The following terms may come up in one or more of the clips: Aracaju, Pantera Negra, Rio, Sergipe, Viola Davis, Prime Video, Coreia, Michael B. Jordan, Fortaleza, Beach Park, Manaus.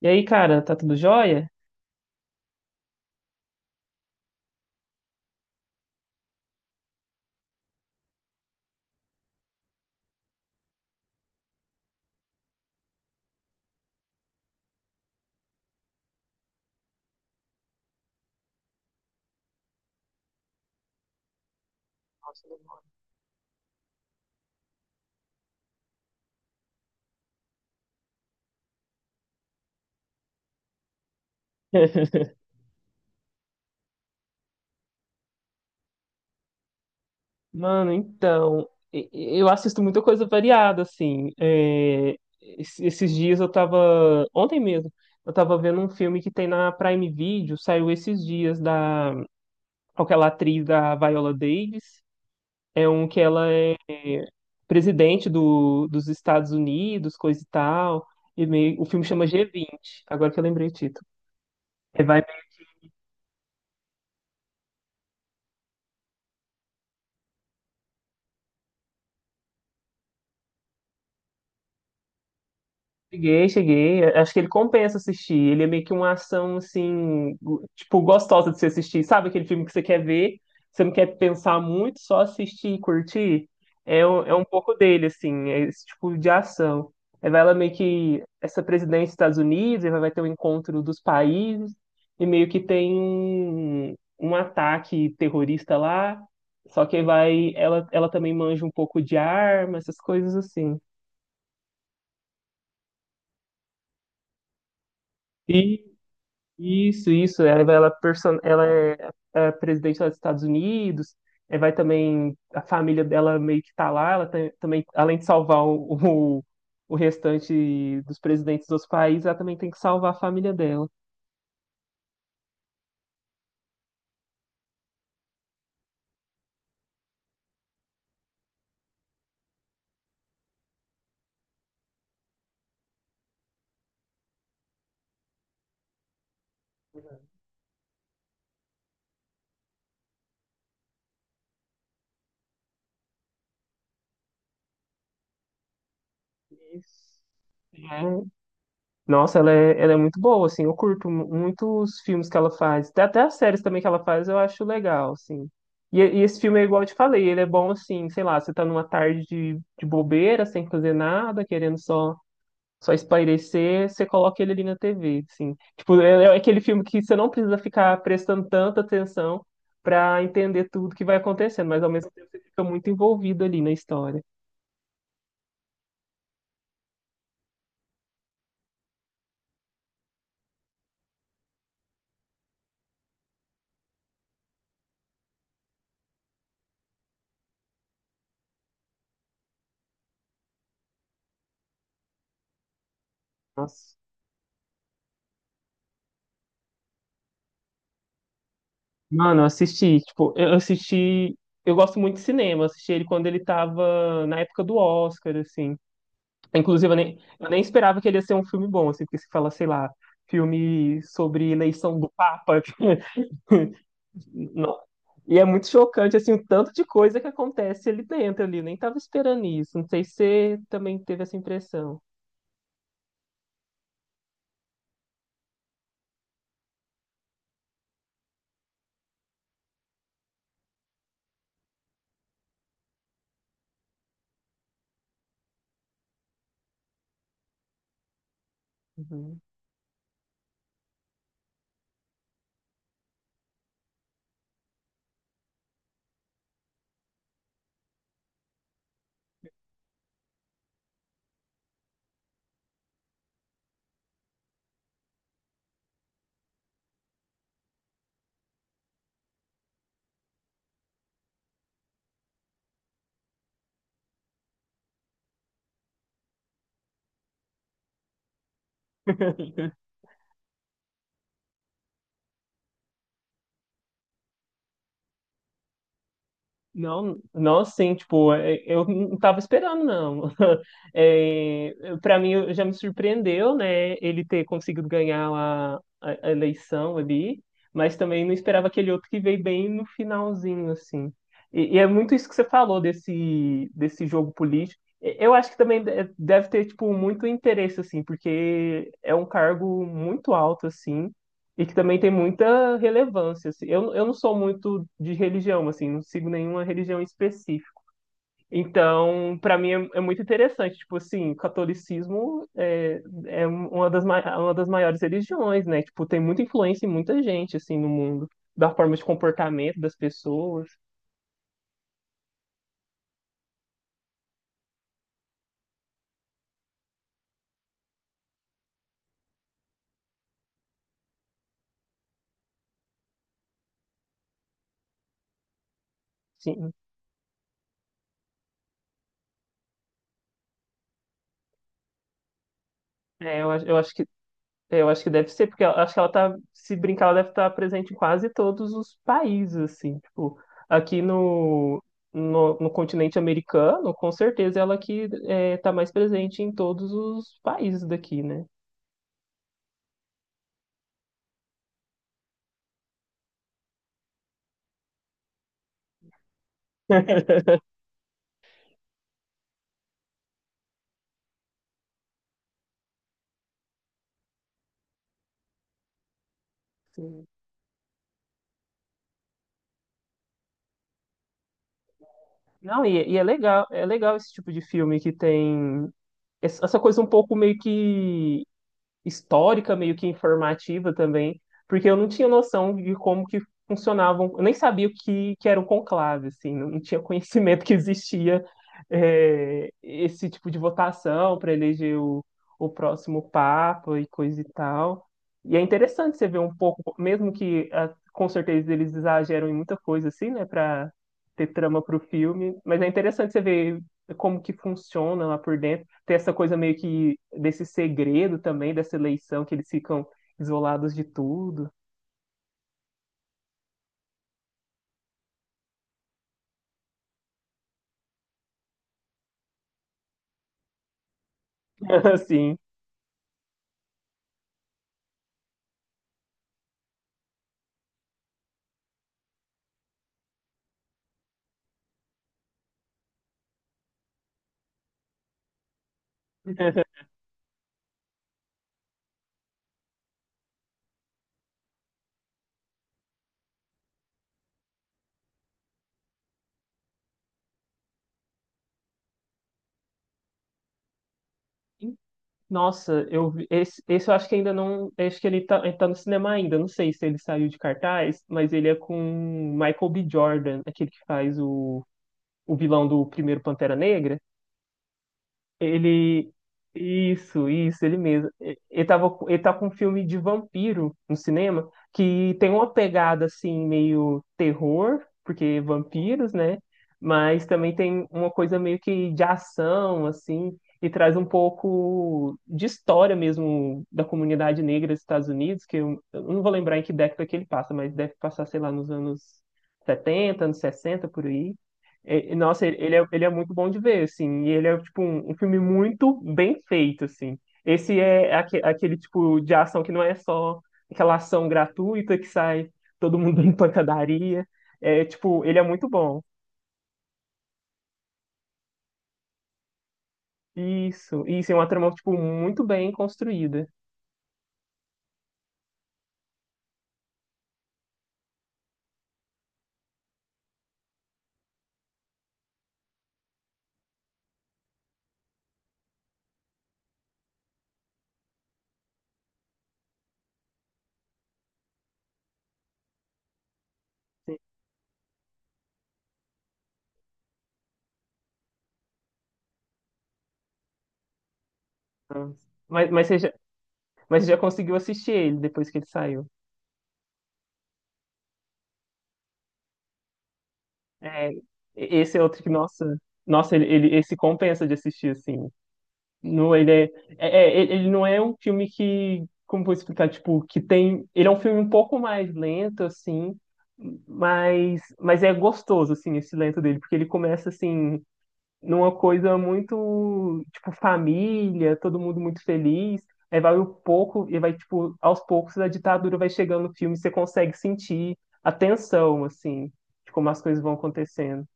E aí, cara, tá tudo jóia? Mano, então, eu assisto muita coisa variada, assim. Esses dias eu tava. Ontem mesmo, eu tava vendo um filme que tem na Prime Video, saiu esses dias da aquela atriz da Viola Davis. É um que ela é presidente do, dos Estados Unidos, coisa e tal. E meio, o filme chama G20, agora que eu lembrei o título. É, vai. Cheguei, cheguei. Acho que ele compensa assistir. Ele é meio que uma ação, assim, tipo, gostosa de se assistir. Sabe aquele filme que você quer ver, você não quer pensar muito, só assistir e curtir? É, é um pouco dele, assim, é esse tipo de ação. Aí vai ela meio que, essa presidência dos Estados Unidos, aí vai ter o encontro dos países, e meio que tem um, um ataque terrorista lá, só que aí vai, ela também manja um pouco de arma, essas coisas assim. Isso, isso. Ela, ela, ela é, é presidente lá dos Estados Unidos. É, vai também. A família dela meio que tá lá. Também, além de salvar o, o, o restante dos presidentes dos países, ela também tem que salvar a família dela. Isso. É. Nossa, ela é muito boa, assim. Eu curto muito os filmes que ela faz. Até, até as séries também que ela faz eu acho legal, assim. E esse filme é igual eu te falei, ele é bom, assim, sei lá, você tá numa tarde de bobeira, sem fazer nada, querendo só. Só espairecer, você coloca ele ali na TV, assim. Tipo, é aquele filme que você não precisa ficar prestando tanta atenção pra entender tudo que vai acontecendo, mas ao mesmo tempo você fica muito envolvido ali na história. Nossa. Mano, eu assisti, tipo, eu assisti, eu gosto muito de cinema, eu assisti ele quando ele tava na época do Oscar, assim. Inclusive, eu nem esperava que ele ia ser um filme bom, assim, porque se fala, sei lá, filme sobre eleição do Papa. Não. E é muito chocante, assim, o tanto de coisa que acontece ali dentro, ali. Eu nem tava esperando isso. Não sei se você também teve essa impressão. Uhum. Não, não assim, tipo, é, eu não tava esperando, não. É, para mim, já me surpreendeu, né, ele ter conseguido ganhar a, a eleição ali, mas também não esperava aquele outro que veio bem no finalzinho, assim. E é muito isso que você falou desse, desse jogo político. Eu acho que também deve ter, tipo, muito interesse, assim, porque é um cargo muito alto, assim, e que também tem muita relevância, assim. Eu não sou muito de religião, assim, não sigo nenhuma religião específica. Então, para mim é, é muito interessante, tipo assim, o catolicismo é, é um, uma das, uma das maiores religiões, né? Tipo, tem muita influência em muita gente, assim, no mundo, da forma de comportamento das pessoas. Sim, é, eu, eu acho que. Eu acho que deve ser, porque eu acho que ela tá, se brincar, ela deve estar presente em quase todos os países, assim, tipo, aqui no, no continente americano, com certeza ela que é, tá mais presente em todos os países daqui, né? Sim. Não, e é legal esse tipo de filme que tem essa coisa um pouco meio que histórica, meio que informativa também, porque eu não tinha noção de como que funcionavam, eu nem sabia o que, que era um conclave, assim, não, não tinha conhecimento que existia é, esse tipo de votação para eleger o próximo papa e coisa e tal. E é interessante você ver um pouco, mesmo que ah, com certeza eles exageram em muita coisa assim, né, para ter trama para o filme, mas é interessante você ver como que funciona lá por dentro, ter essa coisa meio que desse segredo também, dessa eleição, que eles ficam isolados de tudo. Assim. Nossa, esse, esse eu acho que ainda não. Acho que ele tá no cinema ainda. Não sei se ele saiu de cartaz, mas ele é com Michael B. Jordan, aquele que faz o vilão do primeiro Pantera Negra. Ele. Isso, ele mesmo. Ele tá com um filme de vampiro no cinema, que tem uma pegada assim, meio terror, porque vampiros, né? Mas também tem uma coisa meio que de ação, assim, e traz um pouco de história mesmo da comunidade negra dos Estados Unidos, que eu não vou lembrar em que década que ele passa, mas deve passar, sei lá, nos anos setenta, anos 60 por aí. Nossa, ele é muito bom de ver, assim, e ele é, tipo, um filme muito bem feito, assim. Esse é aquele tipo de ação que não é só aquela ação gratuita que sai todo mundo em pancadaria. É, tipo, ele é muito bom. Isso, é uma trama, tipo, muito bem construída. Nossa. Mas, mas, você já, mas você já conseguiu assistir ele depois que ele saiu. É, esse é outro que, nossa, nossa, ele, esse compensa de assistir, assim. Não, ele é, é, ele não é um filme que, como vou explicar, tipo, que tem, ele é um filme um pouco mais lento, assim, mas é gostoso, assim, esse lento dele, porque ele começa, assim, numa coisa muito, tipo, família, todo mundo muito feliz, aí vai um pouco, e vai, tipo, aos poucos a ditadura vai chegando no filme, você consegue sentir a tensão, assim, de como as coisas vão acontecendo.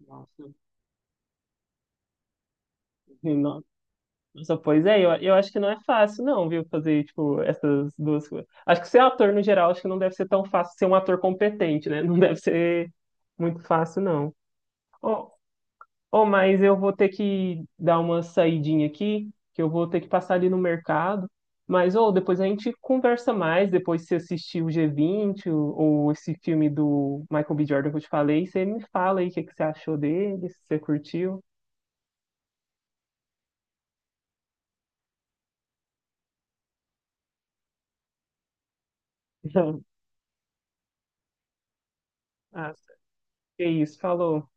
Nossa, nossa, pois é, eu acho que não é fácil, não, viu, fazer, tipo, essas duas coisas. Acho que ser ator, no geral, acho que não deve ser tão fácil ser um ator competente, né? Não deve ser muito fácil, não. Ô, ô, mas eu vou ter que dar uma saidinha aqui, que eu vou ter que passar ali no mercado. Mas, ô, depois a gente conversa mais, depois se assistir o G20 ou esse filme do Michael B. Jordan que eu te falei, você me fala aí o que, que você achou dele, se você curtiu. Ah, que isso, falou.